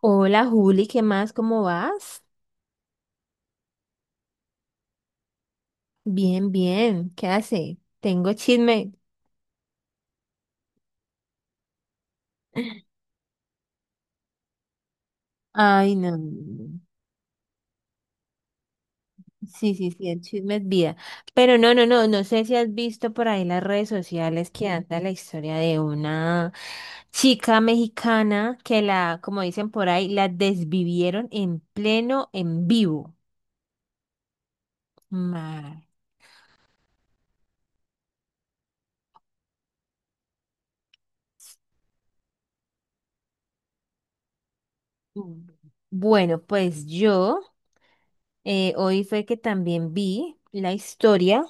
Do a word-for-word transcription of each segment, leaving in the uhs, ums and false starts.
Hola Juli, ¿qué más? ¿Cómo vas? Bien, bien. ¿Qué hace? Tengo chisme. Ay, no. No, no. Sí, sí, sí, el chisme es vida. Pero no, no, no, no sé si has visto por ahí las redes sociales que anda la historia de una chica mexicana que la, como dicen por ahí, la desvivieron en pleno en vivo. Ma- Bueno, pues yo eh, hoy fue que también vi la historia.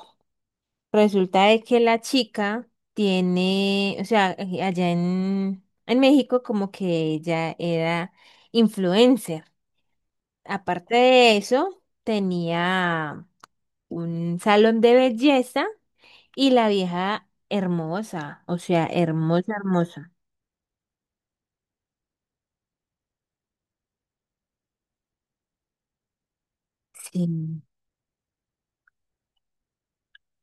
Resulta de que la chica tiene, o sea, eh, allá en, en México como que ella era influencer. Aparte de eso, tenía un salón de belleza y la vieja hermosa, o sea, hermosa, hermosa. Sí.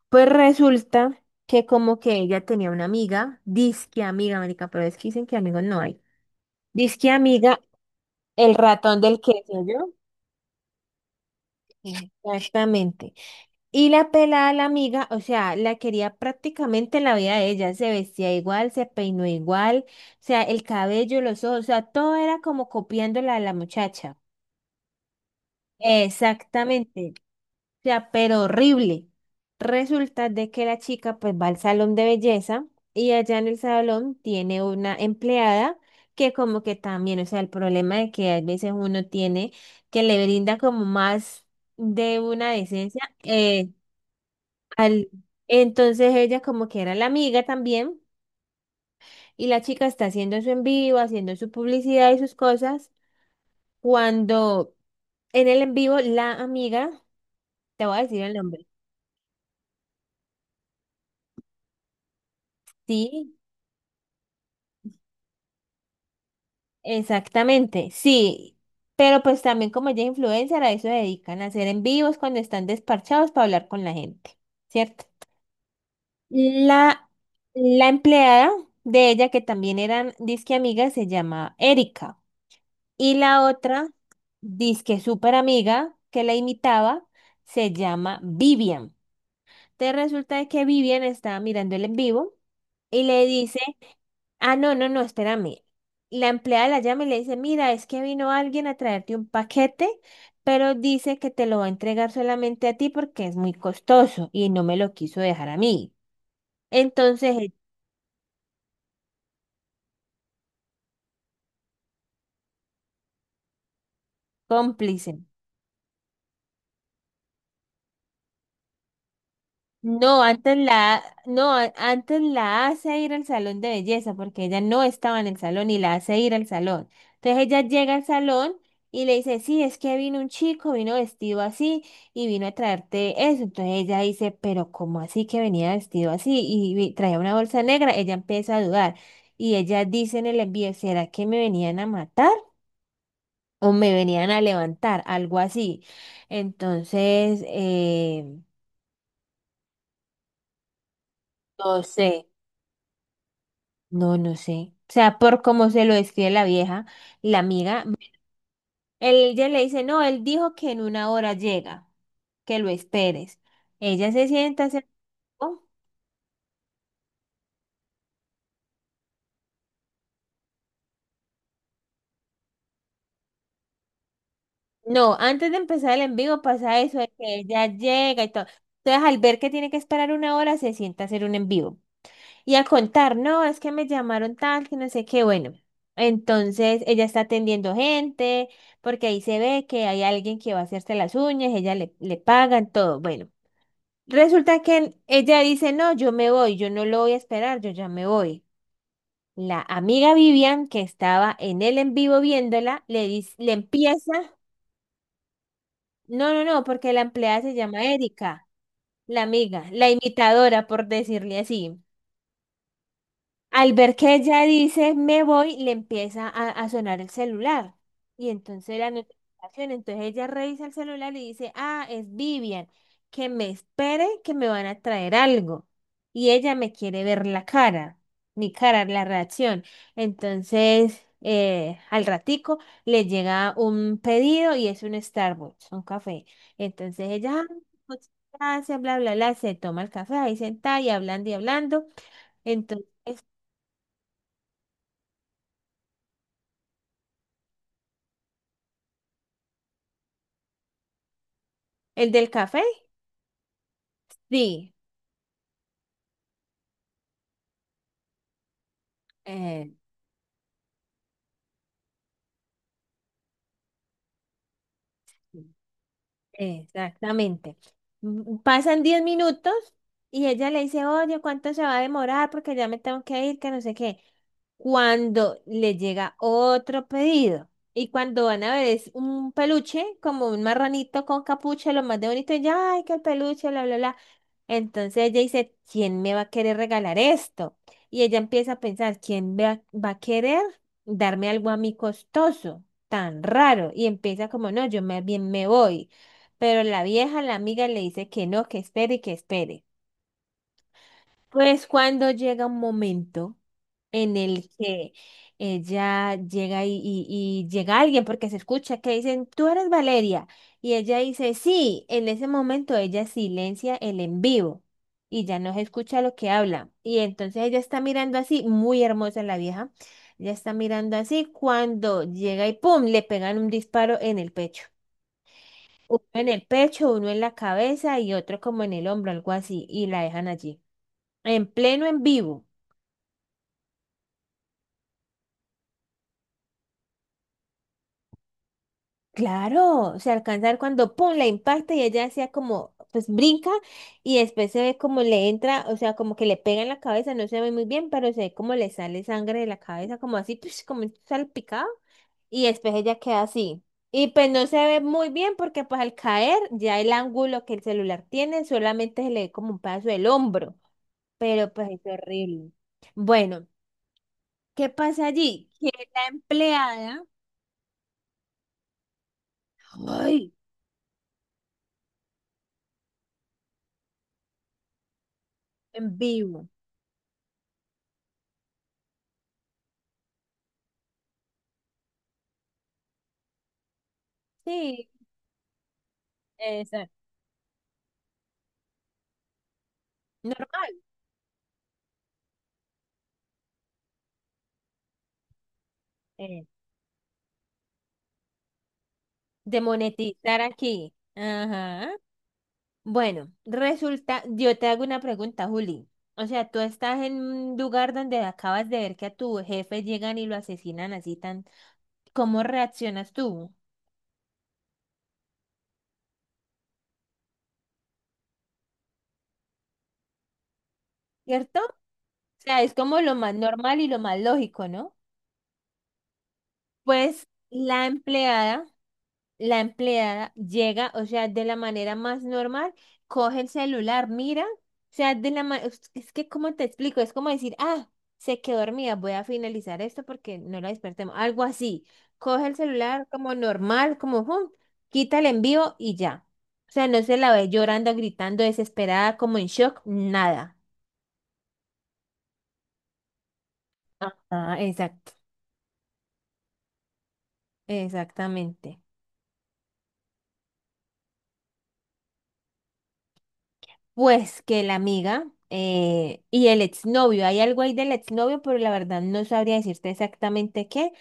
Pues resulta que como que ella tenía una amiga, disque amiga, marica, pero es que dicen que amigos no hay. Disque amiga, el ratón del queso, ¿yo? Exactamente. Y la pelada, la amiga, o sea, la quería prácticamente en la vida de ella. Se vestía igual, se peinó igual, o sea, el cabello, los ojos, o sea, todo era como copiándola a la muchacha. Exactamente sea, pero horrible. Resulta de que la chica pues va al salón de belleza y allá en el salón tiene una empleada que como que también, o sea, el problema de que a veces uno tiene que le brinda como más de una decencia eh, al... Entonces ella como que era la amiga también y la chica está haciendo su en vivo, haciendo su publicidad y sus cosas, cuando en el en vivo la amiga, te voy a decir el nombre, sí. Exactamente, sí, pero pues también como ella es influencer, a eso se dedican, a hacer en vivos cuando están despachados para hablar con la gente, ¿cierto? La, la empleada de ella, que también eran disque amigas, se llama Erika. Y la otra, disque súper amiga, que la imitaba, se llama Vivian. Te resulta de que Vivian estaba mirando el en vivo y le dice. Ah, no, no, no, espérame. La empleada la llama y le dice, mira, es que vino alguien a traerte un paquete, pero dice que te lo va a entregar solamente a ti porque es muy costoso y no me lo quiso dejar a mí. Entonces, el cómplice. No, antes la, no, a- antes la hace ir al salón de belleza porque ella no estaba en el salón y la hace ir al salón. Entonces ella llega al salón y le dice, sí, es que vino un chico, vino vestido así y vino a traerte eso. Entonces ella dice, pero ¿cómo así que venía vestido así y vi- traía una bolsa negra? Ella empieza a dudar y ella dice en el envío, ¿será que me venían a matar o me venían a levantar? Algo así. Entonces, eh, no sé. No, no sé. O sea, por cómo se lo describe la vieja, la amiga, él, ella le dice, no, él dijo que en una hora llega, que lo esperes. Ella se sienta, se... oh. No, antes de empezar el en vivo pasa eso, de que ella llega y todo. Entonces, al ver que tiene que esperar una hora, se sienta a hacer un en vivo. Y a contar, no, es que me llamaron tal, que no sé qué, bueno. Entonces, ella está atendiendo gente, porque ahí se ve que hay alguien que va a hacerse las uñas, ella le, le pagan todo, bueno. Resulta que ella dice, no, yo me voy, yo no lo voy a esperar, yo ya me voy. La amiga Vivian, que estaba en el en vivo viéndola, le dice, le empieza, no, no, no, porque la empleada se llama Erika, la amiga, la imitadora, por decirle así. Al ver que ella dice me voy, le empieza a, a sonar el celular. Y entonces la notificación, entonces ella revisa el celular y dice, ah, es Vivian, que me espere, que me van a traer algo. Y ella me quiere ver la cara, mi cara, la reacción. Entonces, eh, al ratico le llega un pedido y es un Starbucks, un café. Entonces ella, "Ah, muchas gracias, bla, bla, bla", se toma el café ahí sentada y hablando y hablando. Entonces ¿el del café? Sí, Eh, exactamente. Mm, pasan diez minutos y ella le dice, oye, ¿cuánto se va a demorar? Porque ya me tengo que ir, que no sé qué. Cuando le llega otro pedido y cuando van a ver es un peluche, como un marranito con capucha, lo más de bonito, y ya, ay, que el peluche, bla, bla, bla. Entonces ella dice, ¿quién me va a querer regalar esto? Y ella empieza a pensar, ¿quién va, va a querer darme algo a mí costoso, tan raro? Y empieza como, no, yo más bien me voy. Pero la vieja, la amiga, le dice que no, que espere y que espere. Pues cuando llega un momento en el que ella llega y, y- y llega alguien porque se escucha que dicen, tú eres Valeria. Y ella dice, sí, en ese momento ella silencia el en vivo y ya no se escucha lo que habla. Y entonces ella está mirando así, muy hermosa la vieja, ella está mirando así cuando llega y ¡pum!, le pegan un disparo en el pecho. Uno en el pecho, uno en la cabeza y otro como en el hombro, algo así, y la dejan allí. En pleno en vivo. Claro, se alcanza a ver cuando pum, la impacta y ella hacía como, pues brinca y después se ve como le entra, o sea, como que le pega en la cabeza, no se ve muy bien, pero se ve como le sale sangre de la cabeza, como así, pues, como salpicado y después ella queda así. Y pues no se ve muy bien porque pues al caer ya el ángulo que el celular tiene solamente se le ve como un pedazo del hombro, pero pues es horrible. Bueno, ¿qué pasa allí? Que la empleada, ay, en vivo. Sí. Normal. eh, de monetizar aquí. Ajá. Bueno, resulta, yo te hago una pregunta, Juli. O sea, tú estás en un lugar donde acabas de ver que a tu jefe llegan y lo asesinan así tan. ¿Cómo reaccionas tú? ¿Cierto? O sea, es como lo más normal y lo más lógico, ¿no? Pues la empleada la empleada llega, o sea, de la manera más normal, coge el celular, mira, o sea, de la ma- es es que ¿cómo te explico? Es como decir, ah, se quedó dormida, voy a finalizar esto porque no la despertemos, algo así. Coge el celular como normal, como, hum, quita el envío y ya. O sea, no se la ve llorando, gritando, desesperada, como en shock, nada. Ah, exacto, exactamente. Pues que la amiga eh, y el exnovio, hay algo ahí del exnovio, pero la verdad no sabría decirte exactamente qué,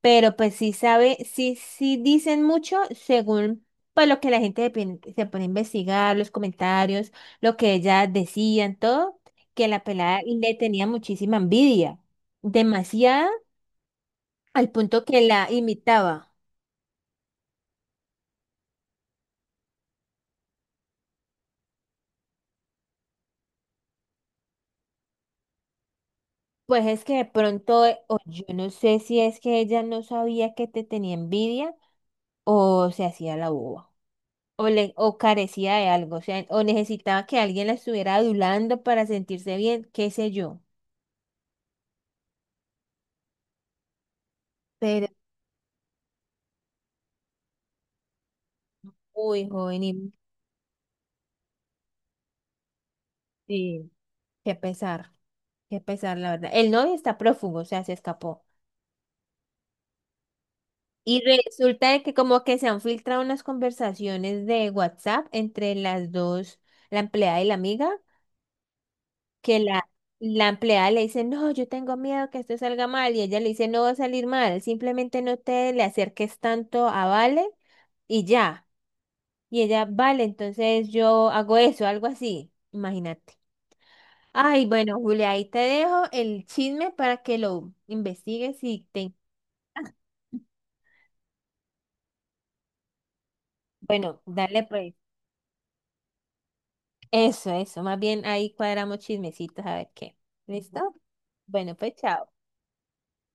pero pues sí sabe, sí, sí dicen mucho según pues lo que la gente se pone se pone a investigar, los comentarios, lo que ella decían, todo, que la pelada le tenía muchísima envidia, demasiada, al punto que la imitaba. Pues es que de pronto, eh, o yo no sé si es que ella no sabía que te tenía envidia o se hacía la boba. O, le, o carecía de algo, o sea, o necesitaba que alguien la estuviera adulando para sentirse bien, qué sé yo. Pero, uy, joven, y, y qué pesar, qué pesar, la verdad. El novio está prófugo, o sea, se escapó. Y resulta de que como que se han filtrado unas conversaciones de WhatsApp entre las dos, la empleada y la amiga, que la, la empleada le dice, no, yo tengo miedo que esto salga mal, y ella le dice, no va a salir mal, simplemente no te le acerques tanto a Vale y ya. Y ella, vale, entonces yo hago eso, algo así, imagínate. Ay, bueno, Julia, ahí te dejo el chisme para que lo investigues y te... Bueno, dale pues. Eso, eso, más bien ahí cuadramos chismecitos a ver qué. ¿Listo? Bueno, pues chao.